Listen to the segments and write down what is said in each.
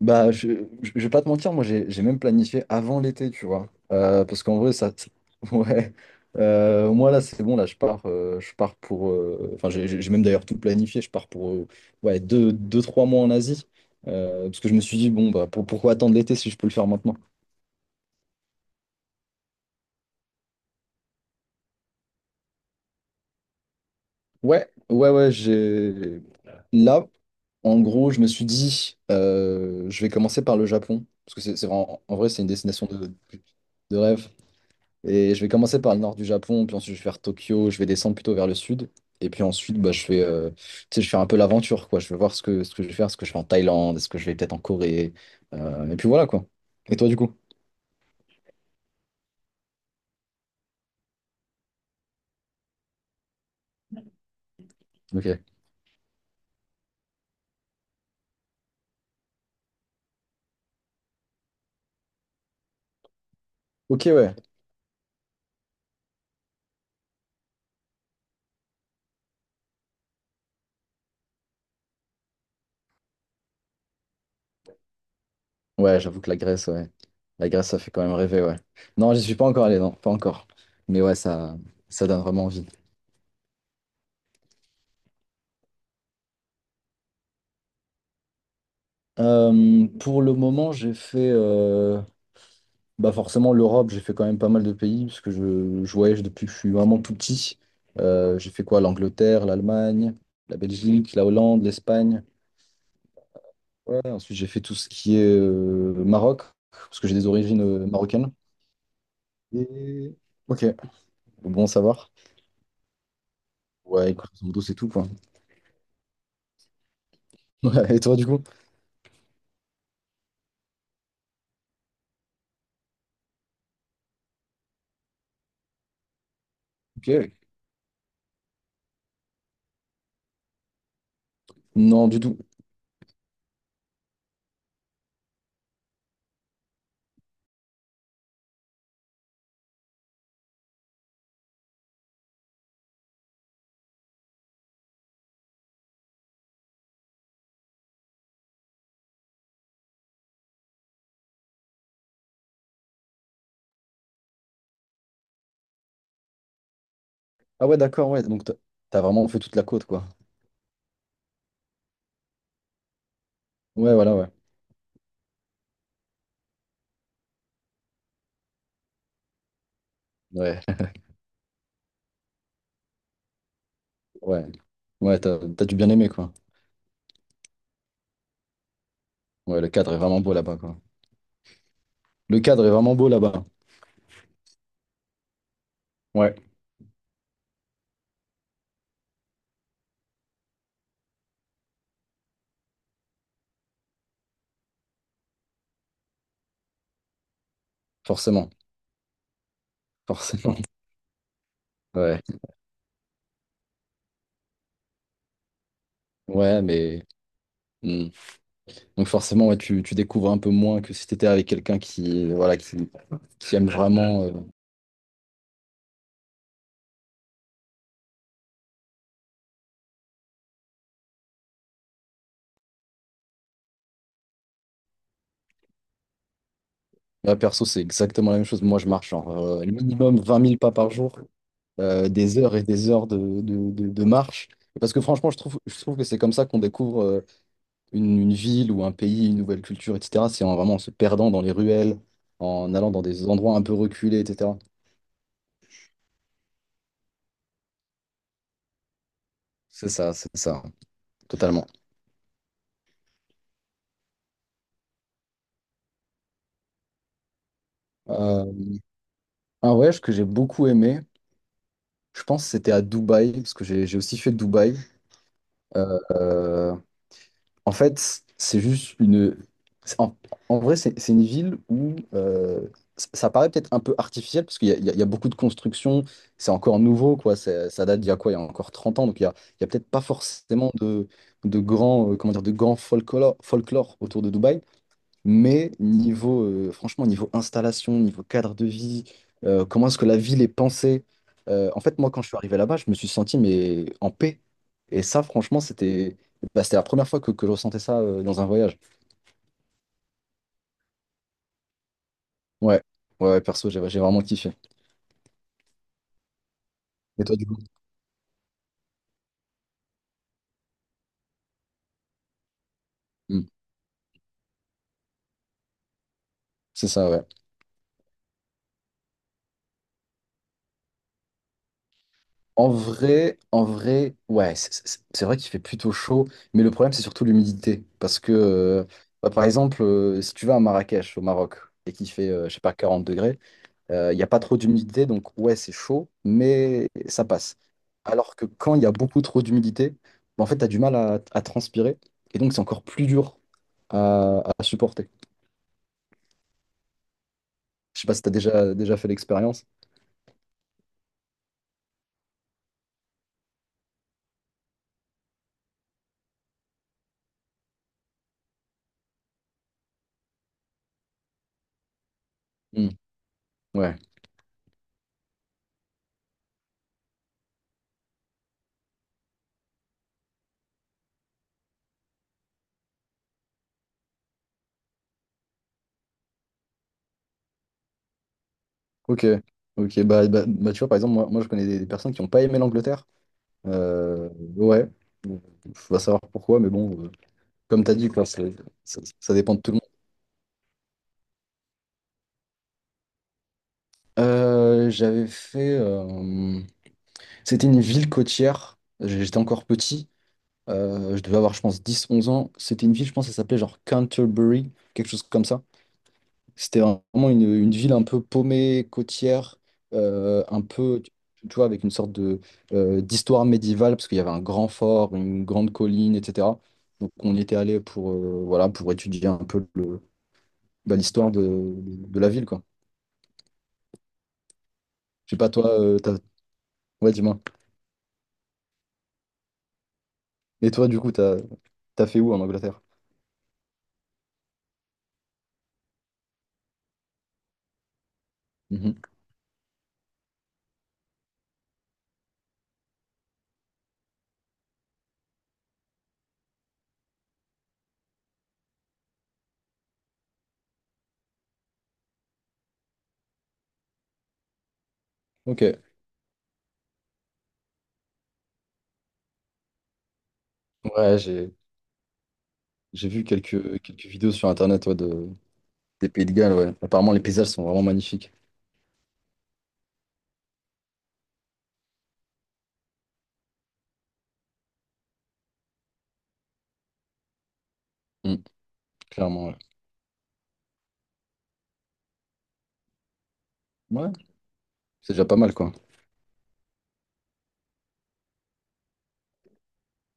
Bah, je vais pas te mentir. Moi, j'ai même planifié avant l'été, tu vois. Parce qu'en vrai, Ouais. Moi là, c'est bon, là, je pars pour. Enfin, j'ai même d'ailleurs tout planifié. Je pars pour ouais, 3 mois en Asie. Parce que je me suis dit, bon, bah, pourquoi attendre l'été si je peux le faire maintenant? Ouais, ouais, ouais, j'ai. Là, en gros, je me suis dit, je vais commencer par le Japon. Parce que en vrai, c'est une destination de rêve. Et je vais commencer par le nord du Japon, puis ensuite je vais faire Tokyo, je vais descendre plutôt vers le sud. Et puis ensuite, bah, je fais un peu l'aventure, quoi. Je vais voir ce que je vais faire, ce que je fais en Thaïlande, est-ce que je vais peut-être en Corée. Et puis voilà, quoi. Et toi, du coup? Ok. Ok, ouais. Ouais, j'avoue que la Grèce, ouais. La Grèce, ça fait quand même rêver, ouais. Non, j'y suis pas encore allé, non, pas encore. Mais ouais, ça donne vraiment envie. Pour le moment, j'ai fait. Bah forcément, l'Europe, j'ai fait quand même pas mal de pays, parce que je voyage depuis que je suis vraiment tout petit. J'ai fait quoi? L'Angleterre, l'Allemagne, la Belgique, la Hollande, l'Espagne. Ouais, ensuite, j'ai fait tout ce qui est Maroc, parce que j'ai des origines marocaines. Et... Ok, bon à savoir. Ouais, grosso modo, c'est tout, quoi. Ouais, et toi, du coup? Ok. Non, du tout. Ah ouais, d'accord, ouais. Donc, t'as vraiment fait toute la côte, quoi. Ouais, voilà, ouais. Ouais, ouais. Ouais, t'as dû bien aimer, quoi. Ouais, le cadre est vraiment beau là-bas, quoi. Le cadre est vraiment beau là-bas. Ouais, forcément, forcément. Ouais, ouais, hmm. Donc forcément, ouais, tu découvres un peu moins que si t'étais avec quelqu'un qui, voilà, qui aime vraiment. Moi, perso, c'est exactement la même chose. Moi, je marche genre minimum 20 000 pas par jour, des heures et des heures de marche. Parce que franchement, je trouve que c'est comme ça qu'on découvre une ville ou un pays, une nouvelle culture, etc. C'est en vraiment en se perdant dans les ruelles, en allant dans des endroits un peu reculés, etc. C'est ça, totalement. Euh, Un voyage que j'ai beaucoup aimé, je pense que c'était à Dubaï, parce que j'ai aussi fait Dubaï. Euh, euh, En fait, c'est- En, en vrai, c'est une ville où ça paraît peut-être un peu artificiel, parce qu'il y, a il y a- il y a beaucoup de constructions, c'est encore nouveau, quoi. Ça date d'il y a quoi? Il y a encore 30 ans, donc il y a peut-être pas forcément de grands, comment dire, de grands folklore autour de Dubaï. Mais niveau, franchement, niveau installation, niveau cadre de vie, comment est-ce que la ville est pensée? En fait, moi, quand je suis arrivé là-bas, je me suis senti mais en paix. Et ça, franchement, c'était la première fois que je ressentais ça dans un voyage. Ouais, ouais, ouais, perso, j'ai vraiment kiffé. Et toi, du coup? Hmm. C'est ça, ouais. En vrai, ouais, c'est vrai qu'il fait plutôt chaud, mais le problème, c'est surtout l'humidité. Parce que, bah, par exemple, si tu vas à Marrakech, au Maroc, et qu'il fait, je sais pas, 40 degrés, il n'y a pas trop d'humidité, donc ouais, c'est chaud, mais ça passe. Alors que quand il y a beaucoup trop d'humidité, bah, en fait, tu as du mal à transpirer, et donc c'est encore plus dur à supporter. Je sais pas si tu as déjà fait l'expérience. Hmm, ouais, ok. Ok, bah, bah, bah, tu vois, par exemple, moi je connais des personnes qui n'ont pas aimé l'Angleterre. Euh, ouais. Bon, faut pas savoir pourquoi, mais bon, comme tu as dit, quoi, ça, ça dépend de tout le monde. J'avais fait. C'était une ville côtière. J'étais encore petit. Je devais avoir, je pense, 10, 11 ans. C'était une ville, je pense, ça s'appelait genre Canterbury, quelque chose comme ça. C'était vraiment une ville un peu paumée, côtière, un peu, tu vois, avec une sorte d'histoire médiévale, parce qu'il y avait un grand fort, une grande colline, etc. Donc, on y était allé pour étudier un peu le, bah, l'histoire de la ville, quoi. Je sais pas, toi, ouais, dis-moi. Et toi, du coup, t'as fait où en Angleterre? Mhm. Ok. Ouais, j'ai vu quelques vidéos sur Internet, ouais, des Pays de Galles, ouais. Apparemment, les paysages sont vraiment magnifiques. Mm. Clairement, ouais. Ouais, c'est déjà pas mal, quoi.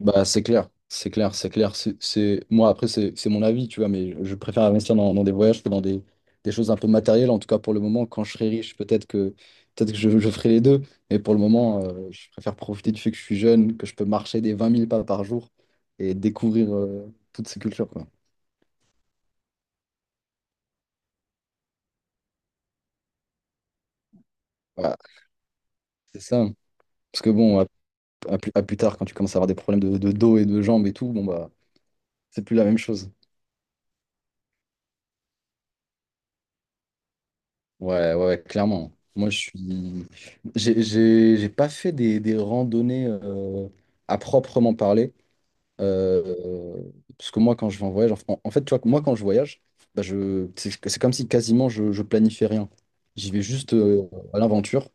Bah, c'est clair, c'est clair, c'est clair. Moi, après, c'est mon avis, tu vois, mais je préfère investir dans des voyages que dans des choses un peu matérielles. En tout cas, pour le moment, quand je serai riche, peut-être que je ferai les deux. Mais pour le moment, je préfère profiter du fait que je suis jeune, que je peux marcher des 20 000 pas par jour et découvrir toutes ces cultures, quoi. Ouais. C'est ça. Parce que bon, à plus tard, quand tu commences à avoir des problèmes de dos et de jambes et tout, bon bah, c'est plus la même chose. Ouais, ouais, ouais, clairement. Moi, je suis. J'ai pas fait des randonnées à proprement parler. euh, Parce que moi, quand je vais en voyage, en fait, tu vois, moi, quand je voyage, bah, c'est comme si quasiment je planifiais rien. J'y vais juste à l'aventure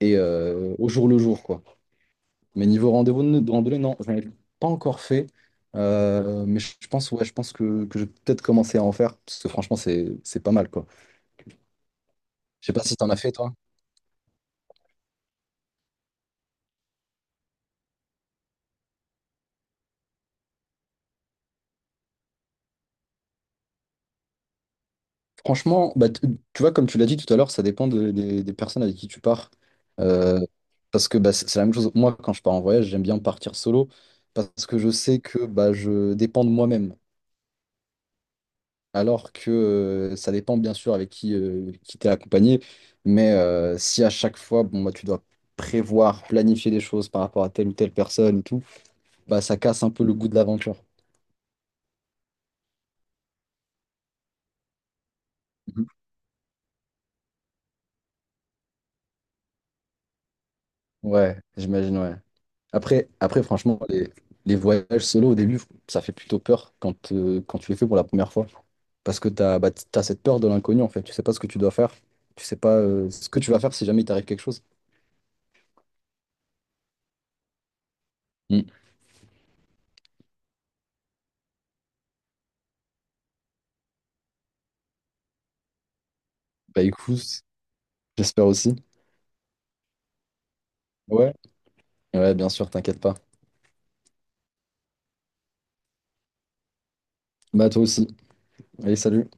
et au jour le jour, quoi. Mais niveau rendez-vous de randonnée, non, j'en ai pas encore fait. Mais je pense, ouais, je pense que je vais peut-être commencer à en faire, parce que franchement, c'est pas mal, quoi. Je sais pas si t'en as fait, toi. Franchement, bah, tu vois, comme tu l'as dit tout à l'heure, ça dépend des personnes avec qui tu pars. Euh, Parce que bah, c'est la même chose. Moi, quand je pars en voyage, j'aime bien partir solo parce que je sais que bah, je dépends de moi-même. Alors que ça dépend bien sûr avec qui t'es accompagné, mais si à chaque fois, bon, bah, tu dois prévoir, planifier des choses par rapport à telle ou telle personne et tout, bah, ça casse un peu le goût de l'aventure. Mhm. Ouais, j'imagine, ouais. Après franchement, les voyages solo au début, ça fait plutôt peur quand tu les fais pour la première fois. Parce que bah, t'as cette peur de l'inconnu, en fait. Tu sais pas ce que tu dois faire. Tu sais pas ce que tu vas faire si jamais il t'arrive quelque chose. Mm. Bah écoute, j'espère aussi. Ouais. Ouais, bien sûr, t'inquiète pas. Bah toi aussi. Allez, salut.